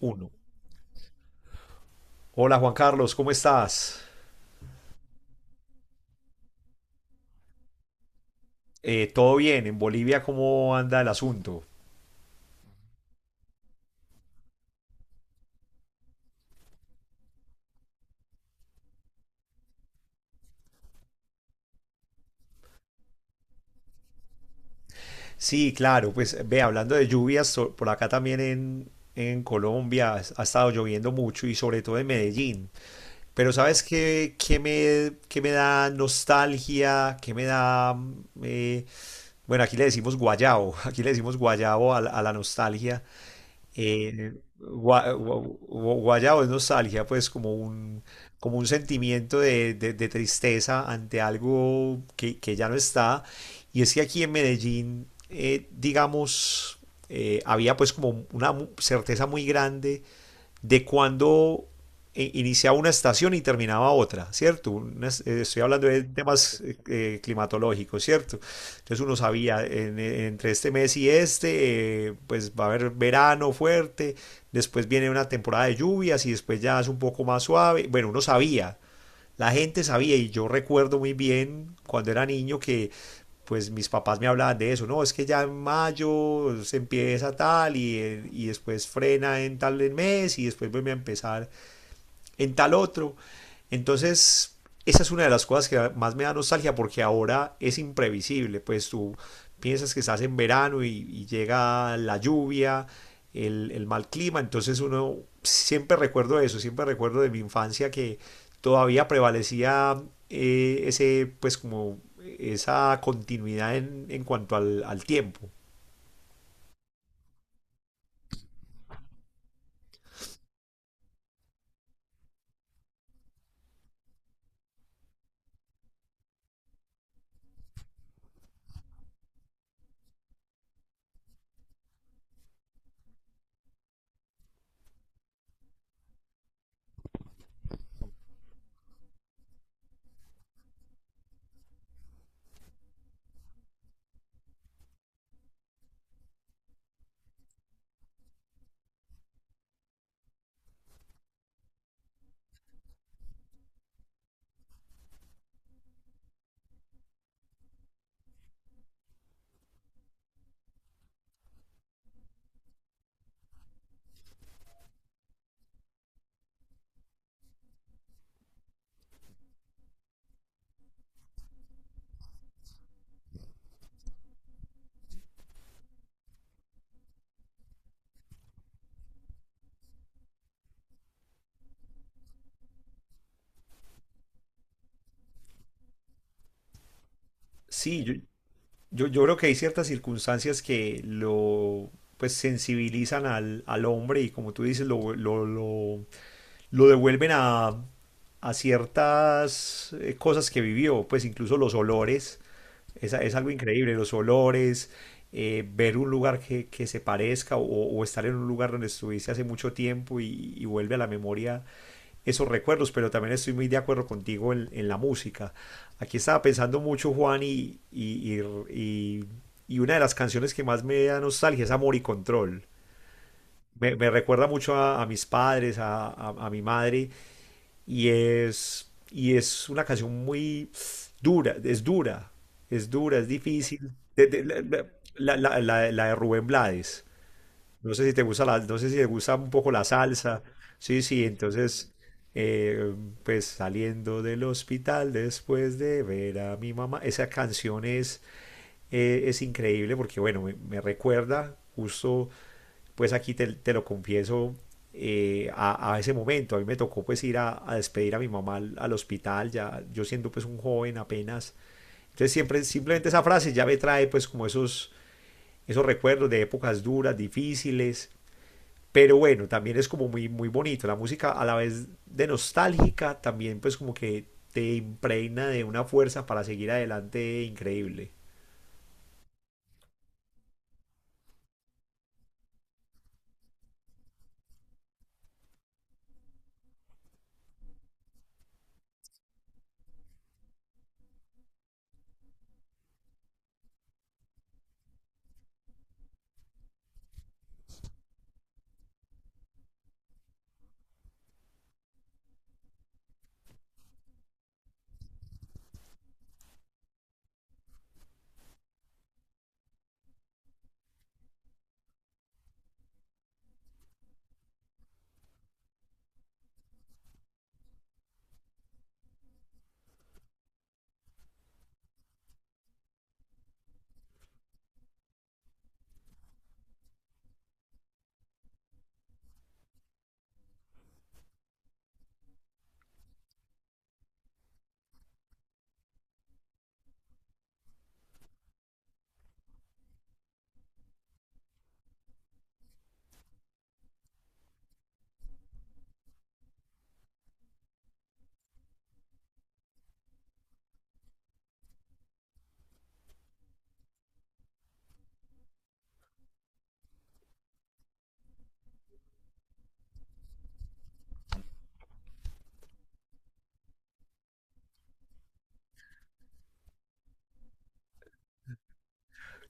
Uno. Hola Juan Carlos, ¿cómo estás? ¿Todo bien? ¿En Bolivia cómo anda el asunto? Sí, claro, pues ve, hablando de lluvias, por acá también en Colombia ha estado lloviendo mucho y sobre todo en Medellín. Pero ¿sabes qué me da nostalgia? ¿Qué me da... mm, bueno, aquí le decimos guayabo, aquí le decimos guayabo a la nostalgia. eh, gua- gua- guayabo es nostalgia, pues como como un sentimiento de tristeza ante algo que ya no está. Y es que aquí en Medellín, digamos, había pues como una certeza muy grande de cuando iniciaba una estación y terminaba otra, ¿cierto? Estoy hablando de temas climatológicos, ¿cierto? Entonces uno sabía, entre este mes y este, pues va a haber verano fuerte, después viene una temporada de lluvias y después ya es un poco más suave. Bueno, uno sabía, la gente sabía y yo recuerdo muy bien cuando era niño que pues mis papás me hablaban de eso, no, es que ya en mayo se empieza tal y después frena en tal mes y después vuelve a empezar en tal otro. Entonces, esa es una de las cosas que más me da nostalgia porque ahora es imprevisible, pues tú piensas que estás en verano y llega la lluvia, el mal clima, entonces uno siempre recuerdo eso, siempre recuerdo de mi infancia que todavía prevalecía pues como esa continuidad en cuanto al tiempo. Sí, yo creo que hay ciertas circunstancias que lo pues sensibilizan al hombre y como tú dices, lo devuelven a ciertas cosas que vivió, pues incluso los olores, es algo increíble, los olores, ver un lugar que se parezca o estar en un lugar donde estuviste hace mucho tiempo y vuelve a la memoria esos recuerdos, pero también estoy muy de acuerdo contigo en la música. Aquí estaba pensando mucho, Juan, y, y una de las canciones que más me da nostalgia es Amor y Control. Me recuerda mucho a mis padres, a mi madre, y es una canción muy dura, es dura, es dura, es difícil. La de Rubén Blades. No sé si te gusta un poco la salsa. Sí, sí, entonces, eh, pues saliendo del hospital después de ver a mi mamá, esa canción es increíble porque, bueno, me recuerda justo, pues aquí te lo confieso, a ese momento. A mí me tocó pues ir a despedir a mi mamá al hospital, ya yo siendo pues un joven apenas. Entonces simplemente esa frase ya me trae pues como esos recuerdos de épocas duras, difíciles. Pero bueno, también es como muy, muy bonito. La música a la vez de nostálgica, también pues como que te impregna de una fuerza para seguir adelante increíble.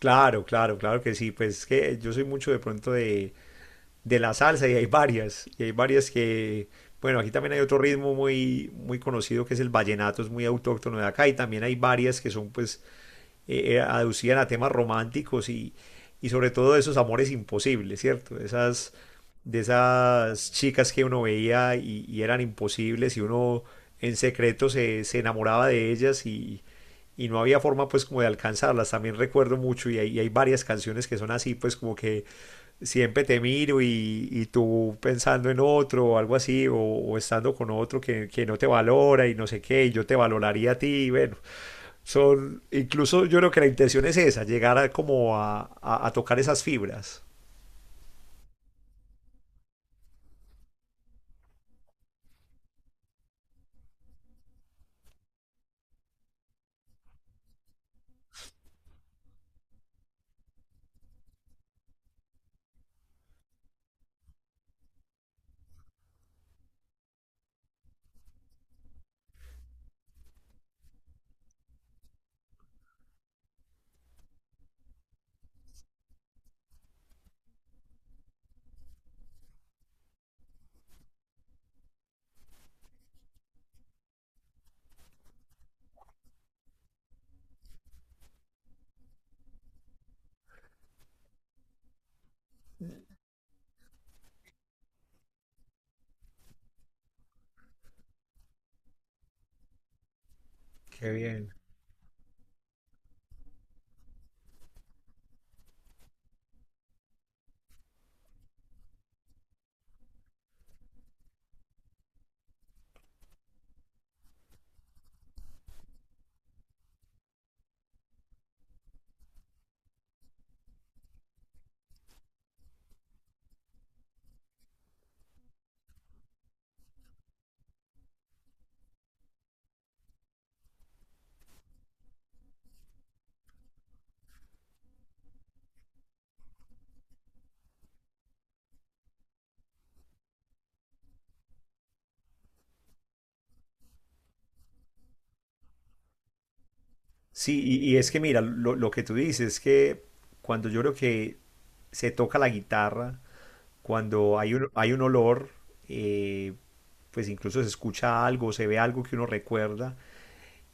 Claro, claro, claro que sí. Pues que yo soy mucho de pronto de, la salsa y hay varias. Y hay varias que, bueno, aquí también hay otro ritmo muy, muy conocido que es el vallenato, es muy autóctono de acá. Y también hay varias que son pues aducían a temas románticos y sobre todo de esos amores imposibles, ¿cierto? De esas chicas que uno veía y eran imposibles y uno en secreto se enamoraba de ellas y no había forma pues como de alcanzarlas. También recuerdo mucho y y hay varias canciones que son así pues como que siempre te miro y tú pensando en otro o algo así o estando con otro que no te valora y no sé qué y yo te valoraría a ti. Bueno, incluso yo creo que la intención es esa, llegar a, como a tocar esas fibras. Qué bien. Sí, y es que mira, lo que tú dices es que cuando yo creo que se toca la guitarra, cuando hay un olor, eh, pues incluso se escucha algo, se ve algo que uno recuerda,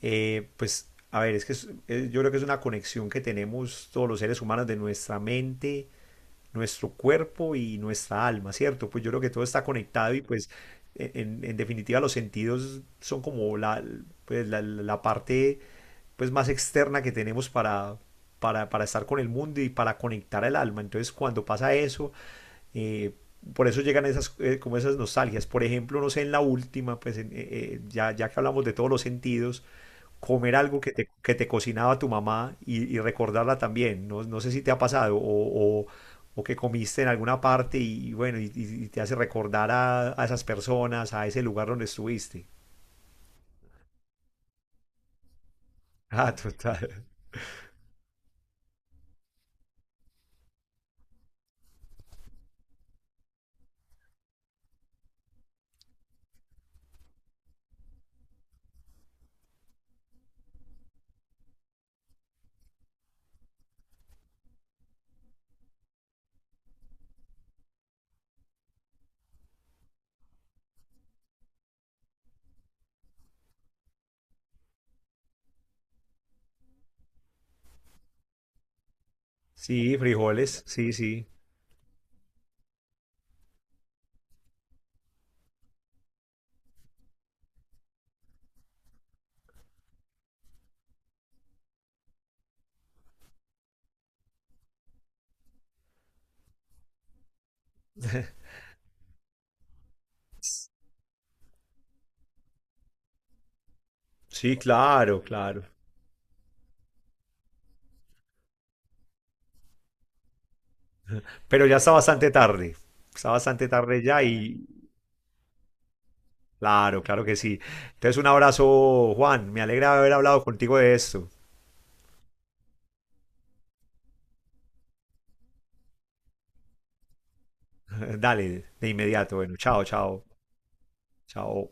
pues a ver, es que yo creo que es una conexión que tenemos todos los seres humanos de nuestra mente nuestro cuerpo y nuestra alma, ¿cierto? Pues yo creo que todo está conectado y pues en definitiva los sentidos son como pues la parte pues más externa que tenemos para, para estar con el mundo y para conectar al alma. Entonces cuando pasa eso, eh, por eso llegan como esas nostalgias. Por ejemplo, no sé, en la última, pues ya que hablamos de todos los sentidos, comer algo que te, cocinaba tu mamá y recordarla también. No, no sé si te ha pasado o que comiste en alguna parte y bueno, y te hace recordar a esas personas, a ese lugar donde estuviste. Ah, total. Sí, frijoles, sí, sí. Sí, claro, claro. Pero ya está bastante tarde. Está bastante tarde ya y claro, claro que sí. Entonces un abrazo, Juan. Me alegra haber hablado contigo de esto. Dale, de inmediato. Bueno, chao, chao, chao.